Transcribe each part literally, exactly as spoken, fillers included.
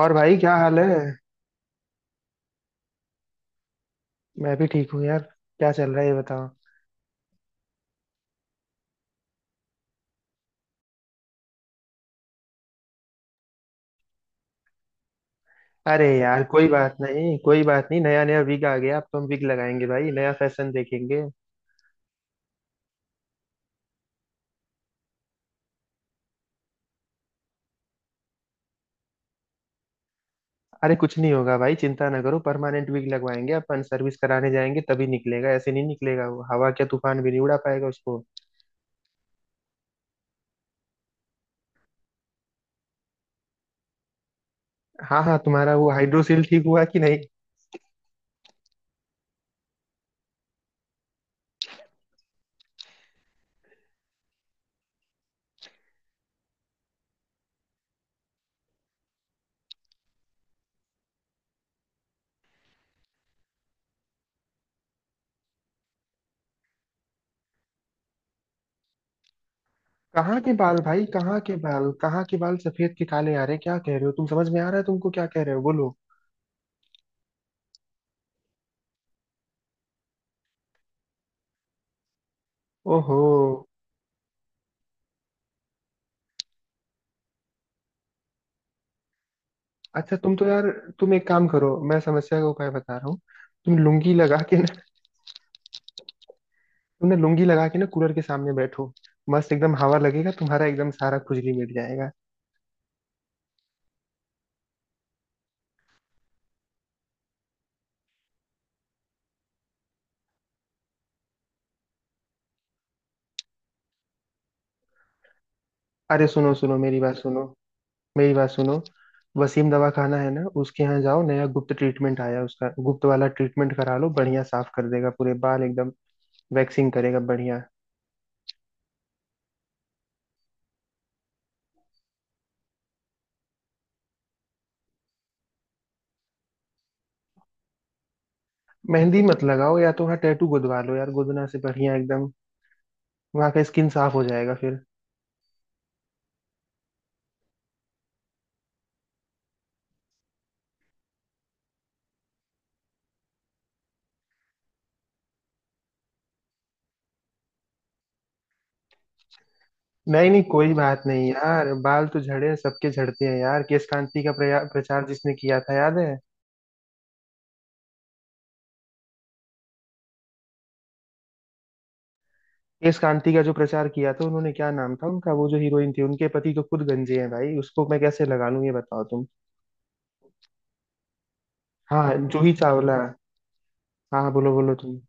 और भाई क्या हाल है। मैं भी ठीक हूँ यार। क्या चल रहा है ये बताओ। अरे यार कोई बात नहीं कोई बात नहीं, नया नया विग आ गया, अब तो हम विग लगाएंगे भाई, नया फैशन देखेंगे। अरे कुछ नहीं होगा भाई, चिंता ना करो, परमानेंट विग लगवाएंगे, अपन सर्विस कराने जाएंगे तभी निकलेगा, ऐसे नहीं निकलेगा वो, हवा क्या तूफान भी नहीं उड़ा पाएगा उसको। हाँ हाँ, तुम्हारा वो हाइड्रोसील ठीक हुआ कि नहीं? कहाँ के बाल भाई, कहाँ के बाल, कहाँ के बाल सफेद के काले आ रहे हैं? क्या कह रहे हो तुम? समझ में आ रहा है तुमको क्या कह रहे हो? बोलो। ओहो। अच्छा तुम तो यार, तुम एक काम करो, मैं समस्या का उपाय बता रहा हूँ। तुम लुंगी लगा के ना, तुमने लुंगी लगा के ना कूलर के सामने बैठो। मस्त एकदम हवा लगेगा, तुम्हारा एकदम सारा खुजली मिट जाएगा। अरे सुनो सुनो, मेरी बात सुनो, मेरी बात सुनो। वसीम दवा खाना है ना, उसके यहाँ जाओ, नया गुप्त ट्रीटमेंट आया है उसका, गुप्त वाला ट्रीटमेंट करा लो, बढ़िया साफ कर देगा पूरे बाल एकदम। वैक्सिंग करेगा बढ़िया। मेहंदी मत लगाओ, या तो वहाँ टैटू गुदवा लो यार, गुदना से बढ़िया एकदम। वहाँ का स्किन साफ हो जाएगा फिर। नहीं नहीं, कोई बात नहीं यार, बाल तो झड़े सबके झड़ते हैं यार। केश कांति का प्रया- प्रचार जिसने किया था याद है? केश कांति का जो प्रचार किया था उन्होंने, क्या नाम था उनका, वो जो हीरोइन थी उनके पति तो खुद गंजे हैं भाई, जूही, उसको मैं कैसे लगा लूं ये बताओ तुम। हाँ, जूही चावला। हाँ हाँ, बोलो बोलो तुम।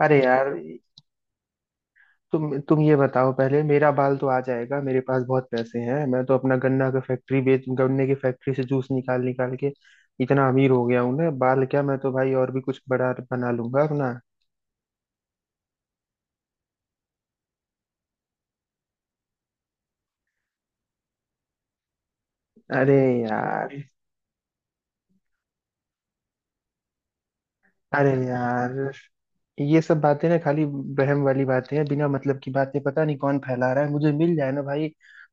अरे यार, तुम तुम ये बताओ, पहले मेरा बाल तो आ जाएगा, मेरे पास बहुत पैसे हैं, मैं तो अपना गन्ना का फैक्ट्री बेच, गन्ने की फैक्ट्री से जूस निकाल निकाल के इतना अमीर हो गया हूं ना, बाल क्या मैं तो भाई और भी कुछ बड़ा बना लूंगा अपना। अरे यार, अरे यार ये सब बातें ना खाली बहम वाली बातें हैं, बिना मतलब की बातें, पता नहीं कौन फैला रहा है, मुझे मिल जाए ना भाई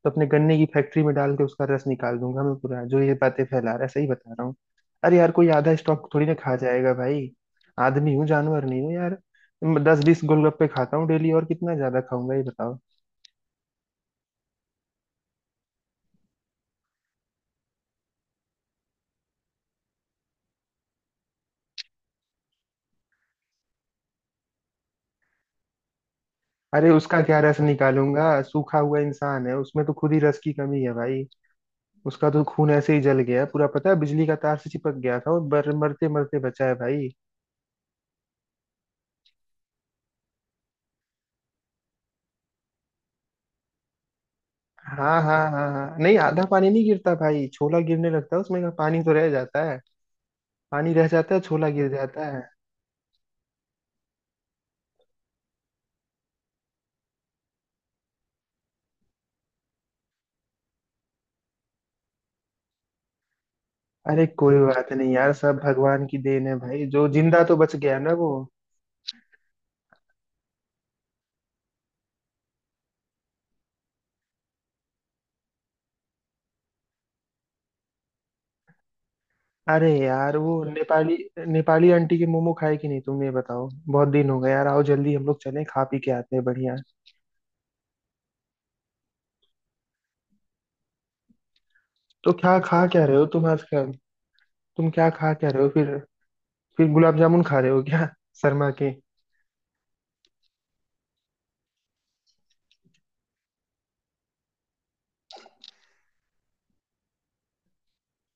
तो अपने गन्ने की फैक्ट्री में डाल के उसका रस निकाल दूंगा मैं पूरा, जो ये बातें फैला रहा है, सही बता रहा हूँ। अरे यार, कोई आधा स्टॉक थोड़ी ना खा जाएगा भाई। आदमी हूँ, जानवर नहीं हूँ यार। मैं दस बीस गोलगप्पे खाता हूँ डेली, और कितना ज्यादा खाऊंगा ये बताओ। अरे उसका क्या रस निकालूंगा, सूखा हुआ इंसान है, उसमें तो खुद ही रस की कमी है भाई। उसका तो खून ऐसे ही जल गया पूरा, पता है, बिजली का तार से चिपक गया था और बर मरते मरते बचा है भाई। हाँ हाँ हाँ हाँ, नहीं आधा पानी नहीं गिरता भाई, छोला गिरने लगता है उसमें का, पानी तो रह जाता है। पानी रह जाता है, छोला गिर जाता है। अरे कोई बात नहीं यार, सब भगवान की देन है भाई, जो जिंदा तो बच गया ना वो। अरे यार वो नेपाली, नेपाली आंटी के मोमो खाए कि नहीं तुम ये बताओ, बहुत दिन हो गए यार, आओ जल्दी हम लोग चलें, खा पी के आते हैं बढ़िया। तो क्या खा क्या रहे हो तुम आजकल? तुम क्या खा क्या रहे हो फिर? फिर गुलाब जामुन खा रहे हो क्या, शर्मा के?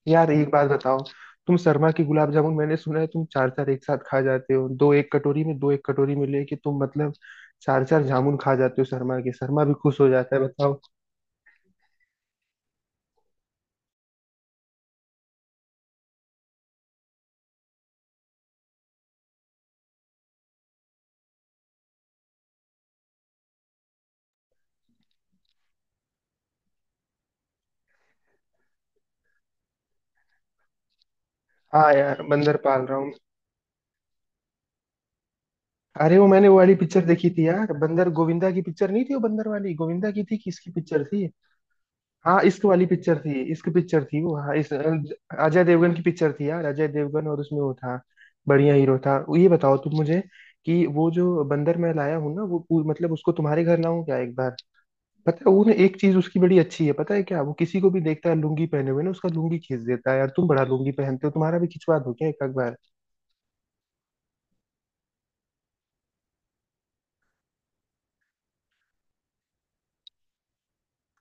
यार एक बात बताओ, तुम शर्मा के गुलाब जामुन मैंने सुना है तुम चार चार एक साथ खा जाते हो, दो एक कटोरी में दो एक कटोरी में लेके तुम, मतलब चार चार जामुन खा जाते हो शर्मा के, शर्मा भी खुश हो जाता है, बताओ। हाँ यार, बंदर पाल रहा हूँ। अरे वो मैंने वो वाली पिक्चर देखी थी यार, बंदर, गोविंदा की पिक्चर नहीं थी वो बंदर वाली? गोविंदा की थी? किसकी पिक्चर थी? हाँ इश्क वाली पिक्चर थी, इश्क पिक्चर थी वो, हाँ इस अजय देवगन की पिक्चर थी यार, अजय देवगन, और उसमें वो था। बढ़िया हीरो था। ये बताओ तुम मुझे, कि वो जो बंदर मैं लाया हूँ ना वो पू- मतलब उसको तुम्हारे घर लाऊं क्या एक बार? पता है वो ना, एक चीज उसकी बड़ी अच्छी है, पता है क्या, वो किसी को भी देखता है लुंगी पहने हुए ना, उसका लुंगी खींच देता है यार, तुम बड़ा लुंगी पहनते हो, तुम्हारा भी खिंचवा दो क्या एक आध बार।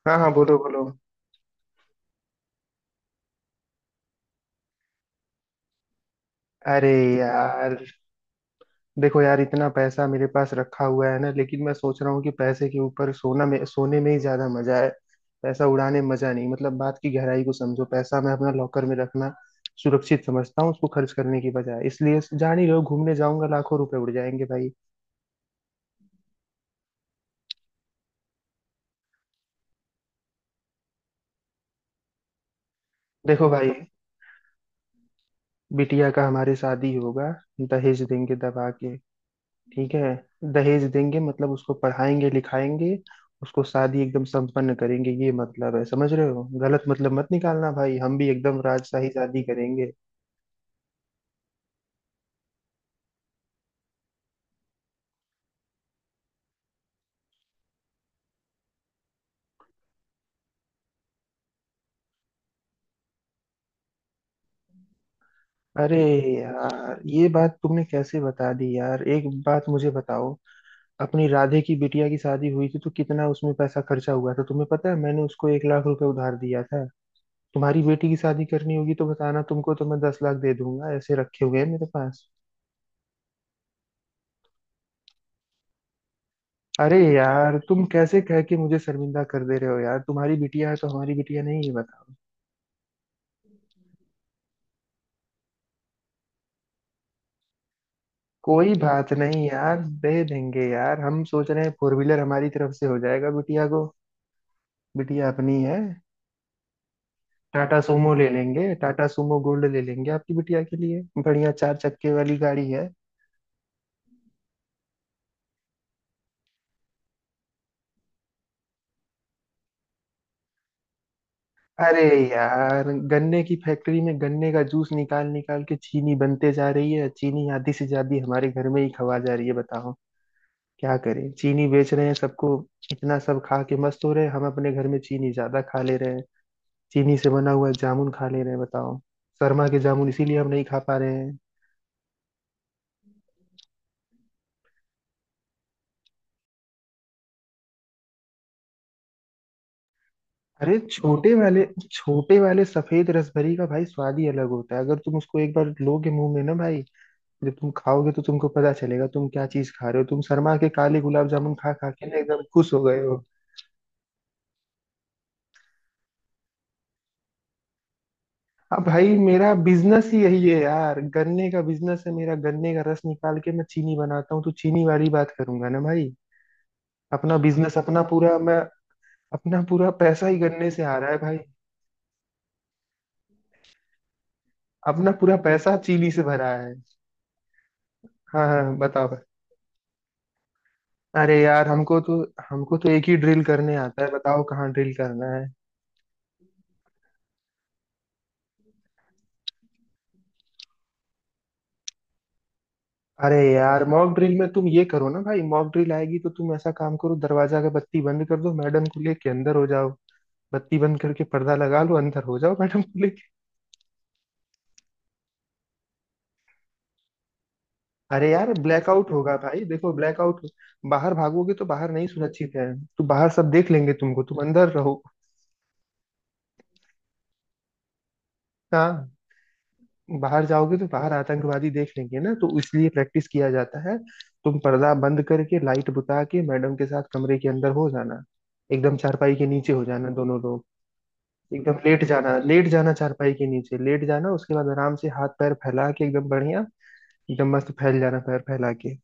हाँ हाँ, बोलो बोलो। अरे यार देखो यार, इतना पैसा मेरे पास रखा हुआ है ना, लेकिन मैं सोच रहा हूँ कि पैसे के ऊपर सोना में, सोने में ही ज्यादा मजा है। पैसा उड़ाने में मजा नहीं, मतलब बात की गहराई को समझो, पैसा मैं अपना लॉकर में रखना सुरक्षित समझता हूँ, उसको खर्च करने की बजाय, इसलिए जान ही रहो, घूमने जाऊंगा लाखों रुपए उड़ जाएंगे भाई। देखो भाई, बिटिया का हमारे शादी होगा, दहेज देंगे दबा के, ठीक है। दहेज देंगे मतलब उसको पढ़ाएंगे लिखाएंगे, उसको शादी एकदम संपन्न करेंगे, ये मतलब है, समझ रहे हो, गलत मतलब मत निकालना भाई, हम भी एकदम राजशाही शादी करेंगे। अरे यार, ये बात तुमने कैसे बता दी यार, एक बात मुझे बताओ, अपनी राधे की बिटिया की शादी हुई थी तो कितना उसमें पैसा खर्चा हुआ था, तुम्हें पता है मैंने उसको एक लाख रुपए उधार दिया था। तुम्हारी बेटी की शादी करनी होगी तो बताना, तुमको तो मैं दस लाख दे दूंगा, ऐसे रखे हुए हैं मेरे पास। अरे यार तुम कैसे कह के मुझे शर्मिंदा कर दे रहे हो यार, तुम्हारी बिटिया है तो हमारी बिटिया नहीं है, बताओ। कोई बात नहीं यार, दे देंगे यार। हम सोच रहे हैं फोर व्हीलर हमारी तरफ से हो जाएगा बिटिया को, बिटिया अपनी है। टाटा सूमो ले लेंगे, टाटा सूमो गोल्ड ले लेंगे आपकी बिटिया के लिए, बढ़िया चार चक्के वाली गाड़ी है। अरे यार, गन्ने की फैक्ट्री में गन्ने का जूस निकाल निकाल के चीनी बनते जा रही है, चीनी आधी से ज्यादा हमारे घर में ही खवा जा रही है, बताओ। क्या करें, चीनी बेच रहे हैं सबको, इतना सब खा के मस्त हो रहे हैं हम, अपने घर में चीनी ज्यादा खा ले रहे हैं, चीनी से बना हुआ जामुन खा ले रहे हैं, बताओ। शर्मा के जामुन इसीलिए हम नहीं खा पा रहे हैं। अरे छोटे वाले, छोटे वाले सफेद रसभरी का भाई स्वाद ही अलग होता है, अगर तुम उसको एक बार लोगे मुंह में ना भाई, जब तुम खाओगे तो तुमको पता चलेगा तुम क्या चीज खा रहे हो। तुम शर्मा के काले गुलाब जामुन खा खा के ना एकदम खुश हो गए हो। अब भाई, मेरा बिजनेस ही यही है यार, गन्ने का बिजनेस है मेरा, गन्ने का रस निकाल के मैं चीनी बनाता हूँ, तो चीनी वाली बात करूंगा ना भाई। अपना बिजनेस अपना पूरा, मैं अपना पूरा पैसा ही गन्ने से आ रहा है भाई। अपना पूरा पैसा चीनी से भरा है। हाँ हाँ, बताओ भाई। अरे यार हमको तो, हमको तो एक ही ड्रिल करने आता है, बताओ कहाँ ड्रिल करना है। अरे यार, मॉक ड्रिल में तुम ये करो ना भाई, मॉक ड्रिल आएगी तो तुम ऐसा काम करो, दरवाजा का बत्ती बंद कर दो, मैडम को लेके अंदर हो जाओ। बत्ती बंद करके पर्दा लगा लो, अंदर हो जाओ मैडम को। अरे यार ब्लैकआउट होगा भाई, देखो, ब्लैकआउट। बाहर भागोगे तो बाहर नहीं सुरक्षित है, तो बाहर सब देख लेंगे तुमको, तुम अंदर रहो। हाँ। बाहर जाओगे तो बाहर आतंकवादी देख लेंगे ना, तो इसलिए प्रैक्टिस किया जाता है। तुम पर्दा बंद करके लाइट बुता के मैडम के साथ कमरे के अंदर हो जाना, एकदम चारपाई के नीचे हो जाना दोनों लोग। एकदम लेट जाना, लेट जाना चारपाई के नीचे, लेट जाना उसके बाद आराम से हाथ पैर फैला के, एकदम बढ़िया, एकदम मस्त फैल जाना पैर फैला के।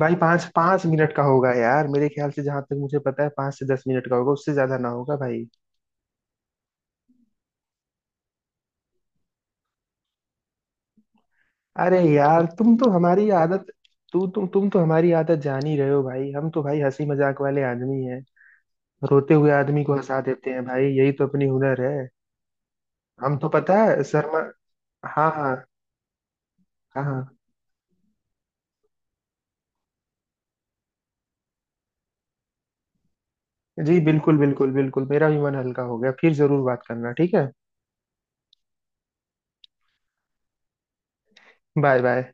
भाई पाँच पाँच मिनट का होगा यार, मेरे ख्याल से जहां तक मुझे पता है, पाँच से दस मिनट का होगा, उससे ज्यादा ना होगा भाई। अरे यार तुम तो हमारी आदत, तू तुम तुम तो हमारी आदत जान ही रहे हो भाई, हम तो भाई हंसी मजाक वाले आदमी हैं, रोते हुए आदमी को हंसा देते हैं भाई, यही तो अपनी हुनर है। हम तो पता है शर्मा। हाँ हाँ हाँ हाँ। जी, बिल्कुल बिल्कुल बिल्कुल, मेरा भी मन हल्का हो गया, फिर जरूर बात करना, ठीक है। Bye bye.